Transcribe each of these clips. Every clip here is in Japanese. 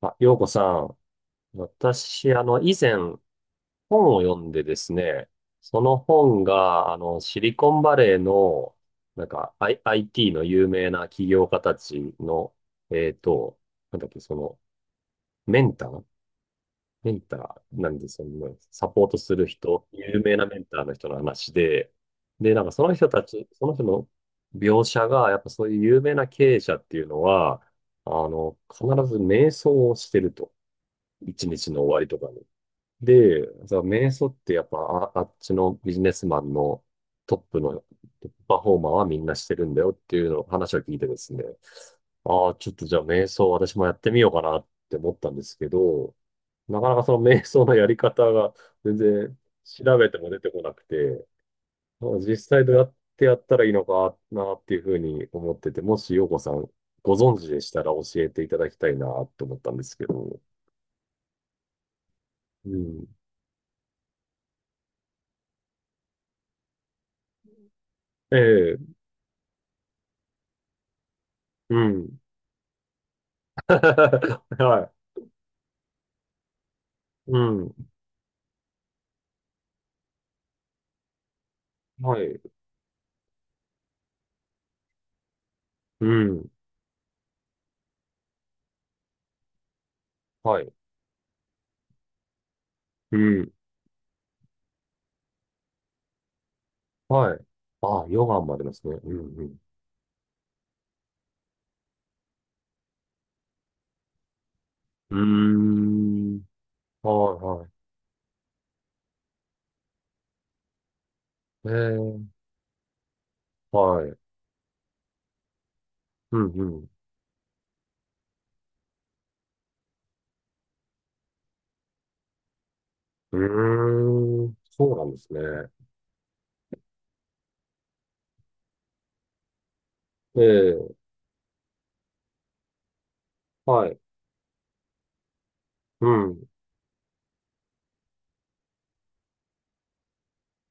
あ、ようこさん。私、以前、本を読んでですね、その本が、シリコンバレーの、なんか、IT の有名な起業家たちの、えっと、なんだっけ、メンターメンターなんですよね。サポートする人、有名なメンターの人の話で、なんかその人たち、その人の描写が、やっぱそういう有名な経営者っていうのは、必ず瞑想をしてると。一日の終わりとかに。で、瞑想ってやっぱあ、あっちのビジネスマンのトップパフォーマーはみんなしてるんだよっていうの話を聞いてですね、ああ、ちょっとじゃあ瞑想私もやってみようかなって思ったんですけど、なかなかその瞑想のやり方が全然調べても出てこなくて、実際どうやってやったらいいのかなっていうふうに思ってて、もし陽子さんご存知でしたら教えていただきたいなと思ったんですけど。うん。ええ、うん。はい。うん。はい。うん。はい。うん。はい。ああ、ヨガもありますね。うんうん。うーん。はいはい。ええ、はい。うんうん。うーん。そうなんですね。ええ、はい。うん。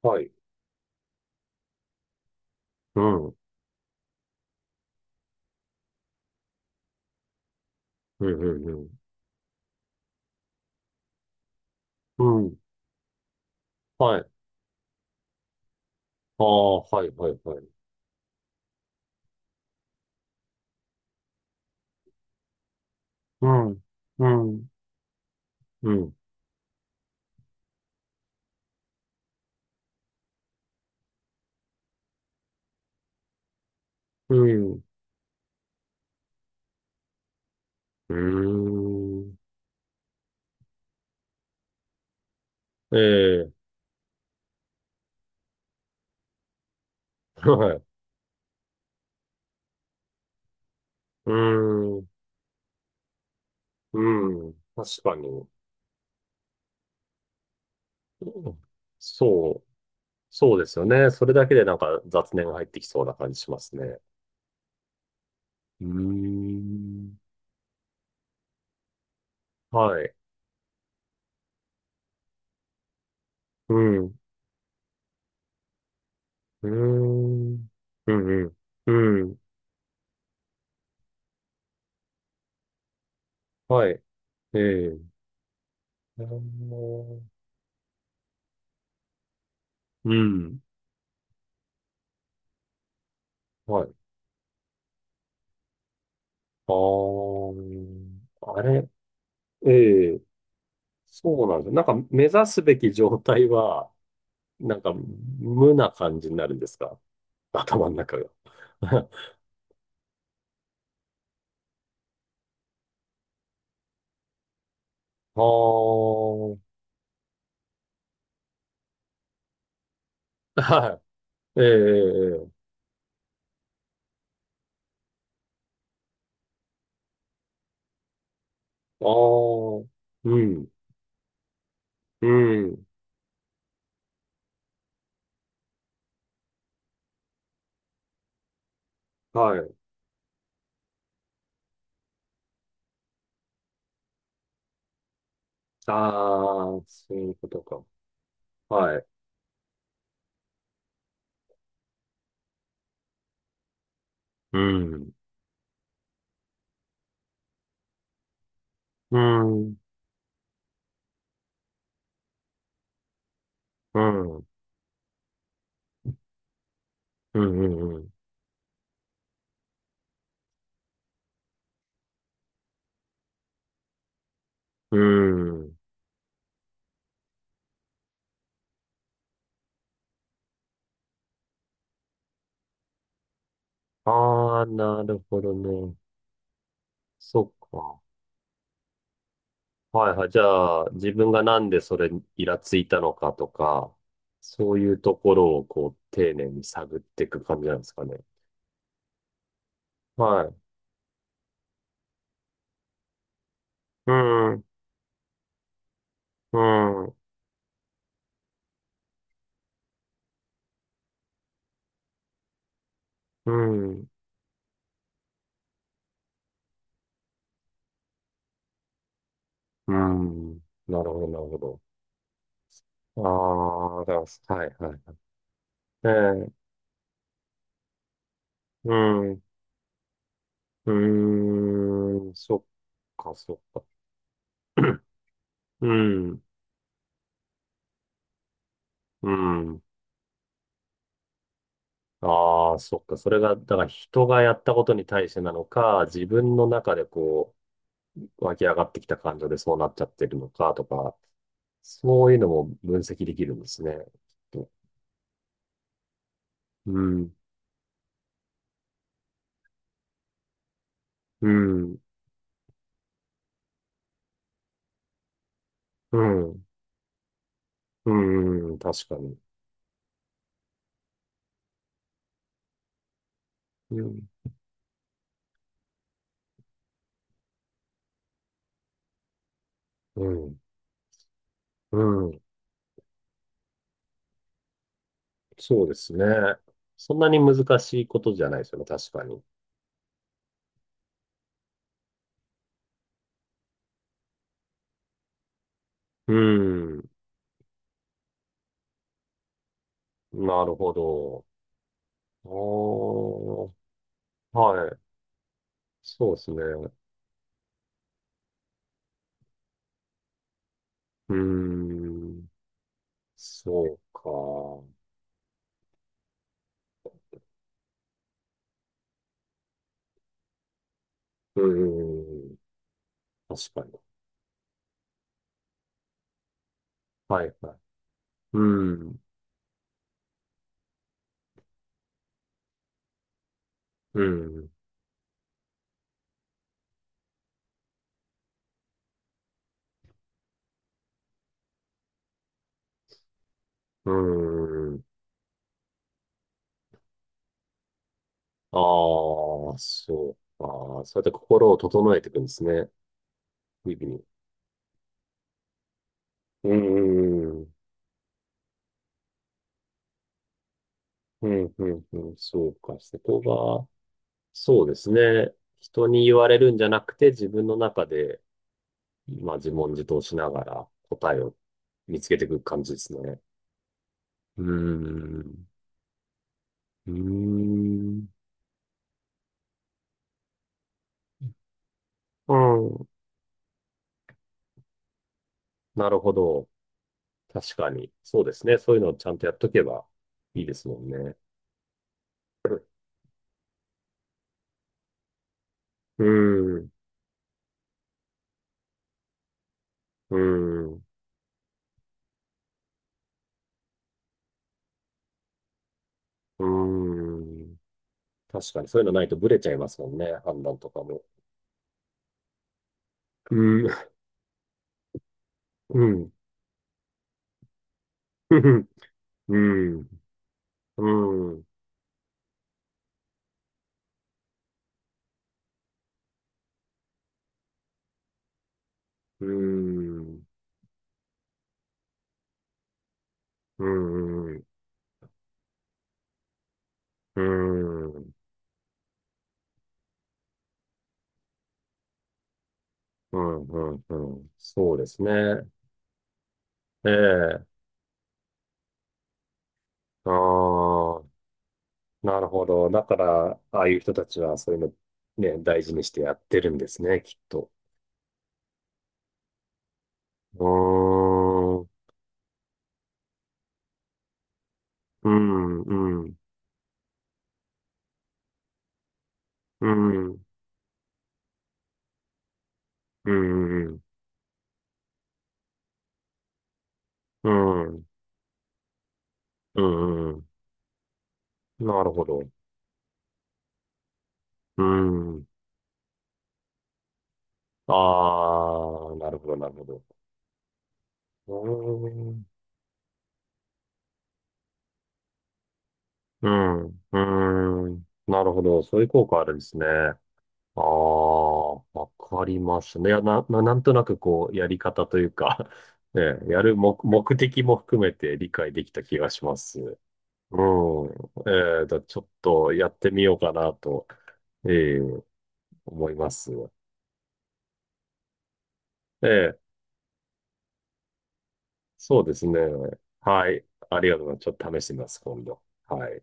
はい。うん。うんうんうん。うん。はい。ああ、はいはいはい。うん。うん。うん。うん。うーん。ええ、はい。うーん。うん。確かに。うん。そう、そうですよね。それだけでなんか雑念が入ってきそうな感じしますね。うーん。はい。うん。うーん。うん、うん。うん。はい。ええ。あのうん。はい。あーあれ、ええ、そうなんですよ。なんか目指すべき状態は、なんか無な感じになるんですか、頭の中が？ああ、はい。ええ、えええああ、うん、うん、はい。ああ、そういうことか。はい。うん、うん、うん、うん、うん、うん。うん。ああ、なるほどね。そっか。はいはい。じゃあ、自分がなんでそれにイラついたのかとか、そういうところをこう、丁寧に探っていく感じなんですかね。はい。うん、うん、うん、うん。なるほど、なるほど。ああ、だから、はいはい、ええ、うん、うーん、そっか、そっか。うん、うん。ああ、そっか。それが、だから人がやったことに対してなのか、自分の中でこう、湧き上がってきた感情でそうなっちゃってるのかとか、そういうのも分析できるんですね。きっと。うん、うん、うん、うん、確かに。うん、うん、うん、そうですね。そんなに難しいことじゃないですよね、確かに。うん。なるほど。おー、はい。そうですね。うーん。そうか。うーん。確かに。はいはい。うーん。うん。うーん。ああ、そうか。そうやって心を整えていくんですね。日々に。うーん。うん、うん、うん。そうか。そこが、そうですね。人に言われるんじゃなくて、自分の中で、まあ自問自答しながら答えを見つけていく感じですね。うーん。うーん。うん。なるほど。確かに。そうですね。そういうのをちゃんとやっとけばいいですもんね。うーん。うーん。うーん。確かに。そういうのないとブレちゃいますもんね。判断とかも。うーん。うん。うん。うん。うん。うん。うん。うん。うん。うん。うん。そうですね。ええ、ああ、なるほど。だから、ああいう人たちはそういうのね、大事にしてやってるんですね、きっと。うーん、うん、うん、うん、うん、うん、うん、うん、うん。なるほど。うん、ああ、なるほど、なるほど。うーん、うん、うーん、なるほど。そういう効果あるんですね。ああ、わかりますね。いや、なんとなくこう、やり方というか ね、やる目的も含めて理解できた気がします。うん。ちょっとやってみようかなと、えー、思います。えー、そうですね。はい。ありがとうございます。ちょっと試してみます、今度。はい。